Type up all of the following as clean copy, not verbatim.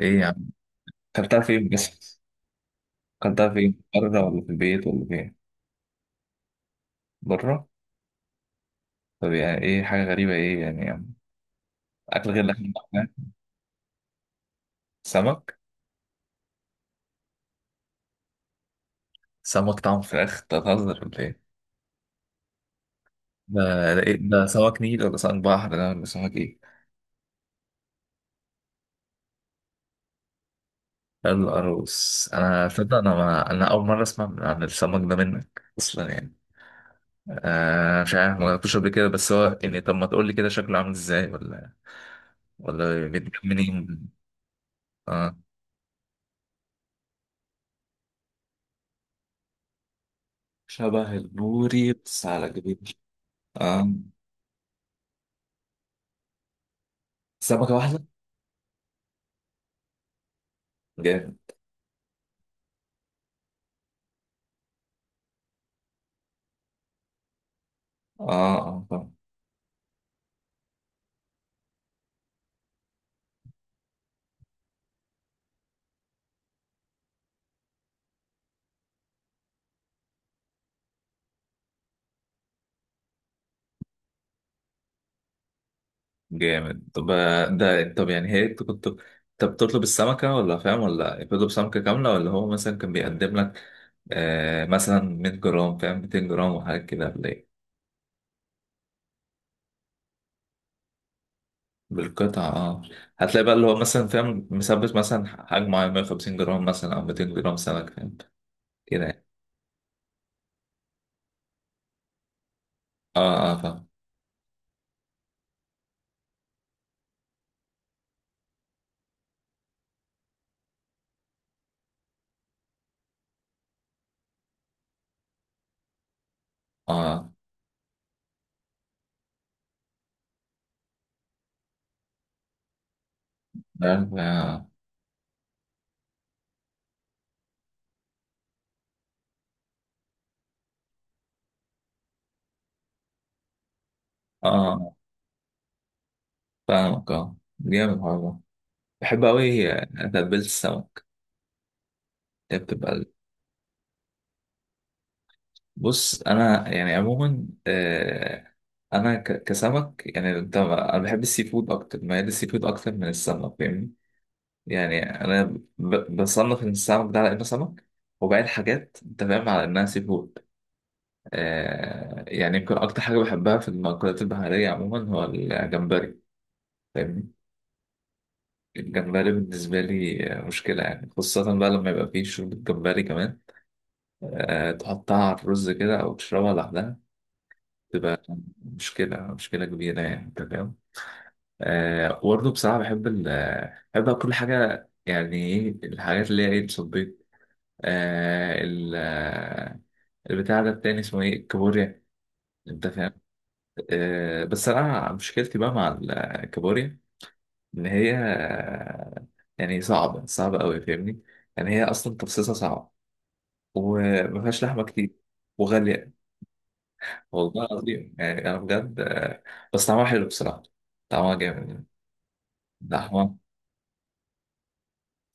ايه يا عم، اكلتها فين بس؟ اكلتها فين، بره ولا في البيت ولا فين؟ بره. طب يعني ايه حاجه غريبه؟ ايه يعني؟ اكل غير الاكل اللي إحنا بناكله. سمك. سمك طعم فراخ؟ أنت بتهزر ولا ايه؟ ده ده إيه؟ ده سمك نيل ولا سمك بحر ده، ولا سمك ايه؟ القاروص. انا تصدق انا ما... انا اول مره اسمع عن السمك ده منك اصلا يعني. آه مش عارف، ما جربتوش قبل كده. بس هو يعني، طب ما تقول لي كده شكله عامل ازاي، ولا ولا بيتجمع منين؟ اه. شبه البوري بس على كبير. اه، سمكة واحدة؟ جامد. اه اه طبعا. جامد. طب آه، ده طب يعني هي انت كنت، طب بتطلب السمكة، ولا فاهم، ولا بتطلب سمكة كاملة، ولا هو مثلا كان بيقدم لك مثلا 100 جرام، فاهم، 200 جرام وحاجات كده، ولا ايه؟ بالقطعة، اه. هتلاقي بقى اللي هو مثلا فاهم، مثبت مثلا حجم معين، 150 جرام مثلا او 200 جرام سمك، فاهم، كده يعني. اه اه فاهم. اه عارف، اه اه. فاهمك. اه جامد والله. بحب أوي تتبيلة السمك، هي بتبقى. بص انا يعني عموما آه، انا كسمك، يعني انت، انا بحب السي فود اكتر، ميال السي فود اكتر من السمك، فاهمني. يعني انا بصنف ان السمك ده على انه سمك، وباقي الحاجات انت فاهم على انها سي فود. آه، يعني يمكن اكتر حاجه بحبها في المأكولات البحريه عموما هو الجمبري، فاهمني. الجمبري بالنسبه لي آه، مشكله يعني، خاصه بقى لما يبقى فيه شوربه جمبري كمان، آه، تحطها على الرز كده، او تشربها لوحدها. مشكلة، مشكلة كبيرة يعني، أنت فاهم. آه وبرضه بصراحة بحب ال بحب أكل كل حاجة، يعني إيه الحاجات اللي هي إيه، الصبيط، آه، ال البتاع ده التاني اسمه إيه، الكابوريا، أنت فاهم. آه بس أنا مشكلتي بقى مع الكابوريا، إن هي آه، يعني صعبة أوي، فاهمني. يعني هي أصلا تفصيصها صعب، ومفيهاش لحمة كتير، وغالية، والله العظيم يعني. أنا بجد آه، بس طعمها حلو بصراحة. طعمها جامد يعني. لحمة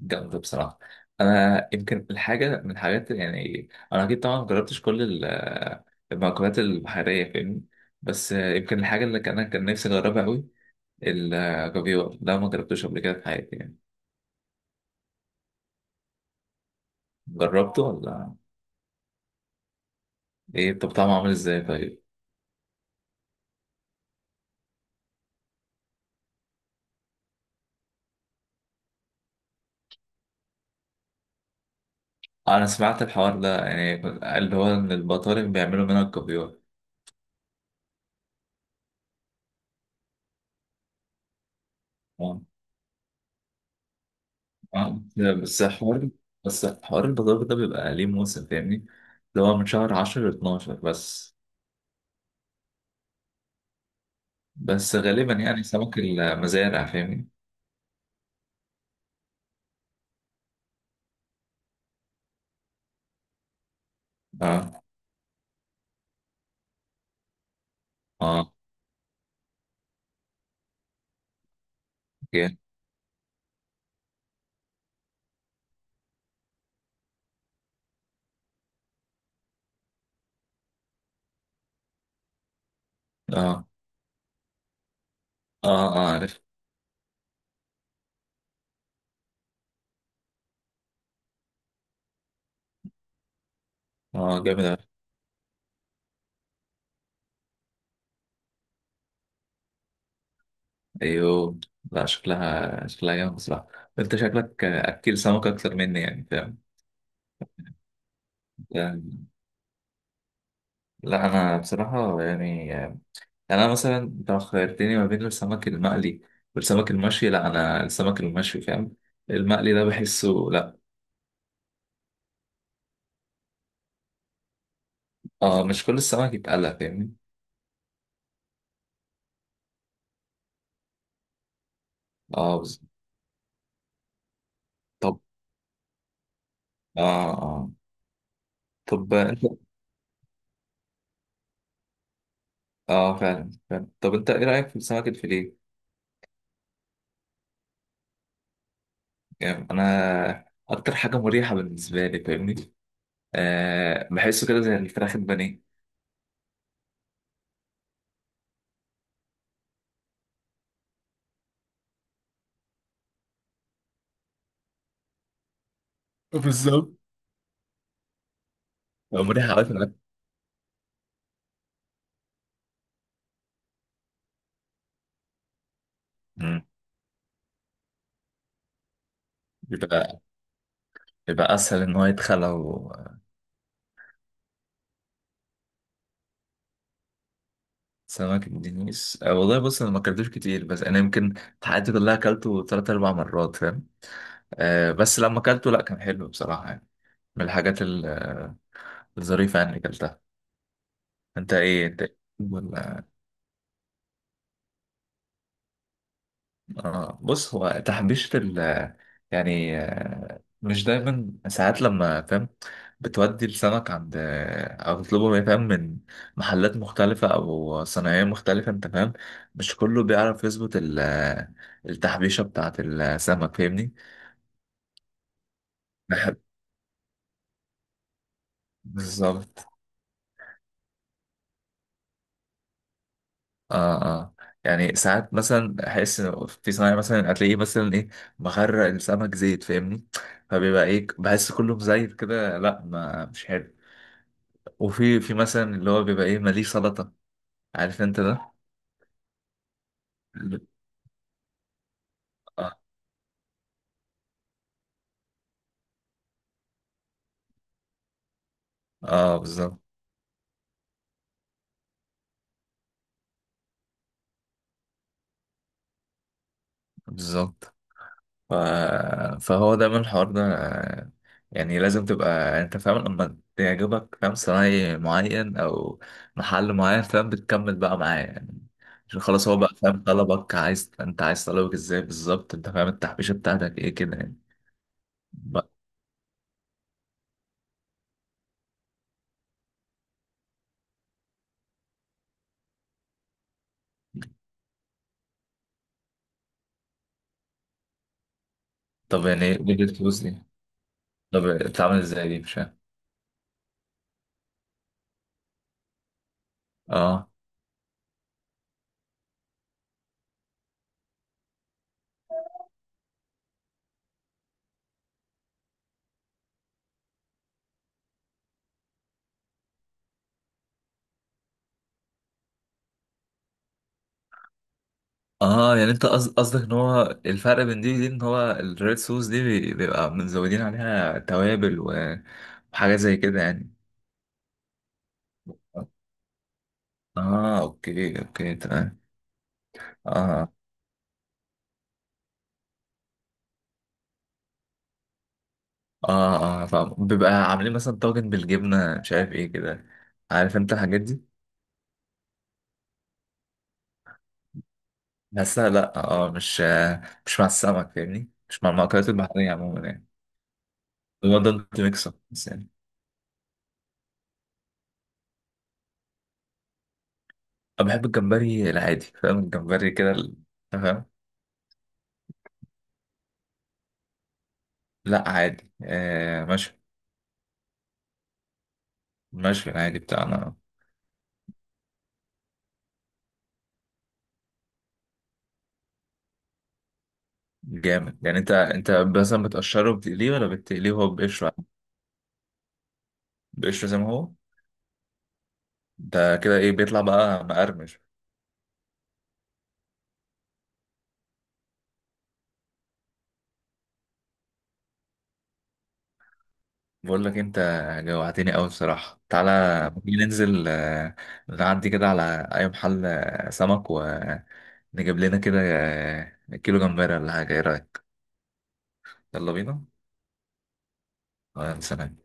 جامدة بصراحة. أنا يمكن الحاجة من الحاجات، يعني أنا أكيد طبعا مجربتش كل المأكولات البحرية، فاهمني. بس يمكن الحاجة اللي كان نفسي أجربها أوي، الكافيار ده، ما جربتوش قبل كده في حياتي يعني. جربته ولا؟ إيه، طب طعمه عامل إزاي طيب؟ أنا سمعت الحوار ده يعني، اللي هو إن البطارخ بيعملوا منها الكافيار. آه. آه. ده بس حوار، بس حوار البطارخ ده بيبقى ليه موسم، فاهمني. اللي هو من شهر 10 ل 12 بس. بس غالبا يعني سمك المزارع، فاهمني. اه اه جامد. اه اه اه عارف. اه جامد أوي. ايوه. لا شكلها، شكلها جامد بصراحة. انت شكلك اكل سمك اكتر مني يعني، فاهم. يعني- لا انا بصراحة يعني، انا مثلا، انت لو خيرتني ما بين السمك المقلي والسمك المشوي، لا انا السمك المشوي فاهم. المقلي ده بحسه لا. اه مش كل السمك يتقلى، فاهمني. اه طب اه اه طب انت، اه فعلا فعلا. طب انت ايه رايك في السمك الفيليه؟ يعني انا اكتر حاجه مريحه بالنسبه لي، فاهمني. أه بحسه كده زي الفراخ البانيه. بالظبط، لو مريح قوي في الأكل. مم. بيبقى، بيبقى أسهل إن هو يتخلى سمك الدنيس، أه والله بص أنا ما أكلتوش كتير، بس أنا يمكن في حياتي كلها أكلته تلات أربع مرات، فاهم. أه بس لما أكلته لأ كان حلو بصراحة يعني، من الحاجات الظريفة يعني اللي أكلتها. أنت إيه؟ أنت إيه؟ آه بص هو تحبيشة ال، يعني آه، مش دايما، ساعات لما فاهم، بتودي السمك عند آه، أو تطلبه من، فاهم، من محلات مختلفة أو صناعية مختلفة، أنت فاهم، مش كله بيعرف يظبط التحبيشة بتاعة السمك، فاهمني. بحب بالظبط اه اه. يعني ساعات مثلا أحس إن في صناعي مثلا، هتلاقيه مثلا إيه، مغرق السمك زيت، فاهمني. فبيبقى إيه، بحس كله مزيت كده، لا ما مش حلو. وفي، في مثلا اللي هو بيبقى ايه، ماليه سلطة، عارف انت ده. اه اه بالظبط بالظبط. ف... فهو دايما الحوار ده آه، يعني لازم تبقى انت فاهم، لما تعجبك، فاهم، صنايعي معين او محل معين، فاهم، بتكمل بقى معاه يعني، عشان خلاص هو بقى فاهم طلبك، عايز انت عايز طلبك ازاي بالظبط، انت فاهم التحبيشة بتاعتك ايه كده يعني. ب- طب يعني ايه بيجي الفلوس دي؟ طب بتتعامل ازاي دي؟ مش فاهم. اه اه. يعني انت قصدك ان هو الفرق بين دي ودي، ان هو الريد صوص دي بيبقى مزودين عليها توابل وحاجات زي كده يعني. اه اوكي اوكي تمام. اه اه اه فاهم. بيبقى عاملين مثلا طاجن بالجبنة مش عارف ايه كده، عارف انت الحاجات دي. بس لا، اه مش آه، مش مع السمك فاهمني، مش مع المأكولات البحرية عموما يعني. هو ده انت ميكس اب بس يعني. انا بحب الجمبري العادي، فاهم، الجمبري كده فاهم. لا عادي آه ماشي. المشوي العادي بتاعنا. جامد. يعني انت، انت مثلا بتقشره بتقليه، ولا بتقليه هو بقشره؟ بقشره زي ما هو. ده كده ايه، بيطلع بقى مقرمش؟ بقول لك انت، جوعتني قوي بصراحه. تعالى، ممكن ننزل آه، نعدي كده على اي محل آه، سمك، ونجيب لنا كده آه، كيلو جمبري ولا حاجه، ايه رايك؟ يلا بينا. آه، سلام.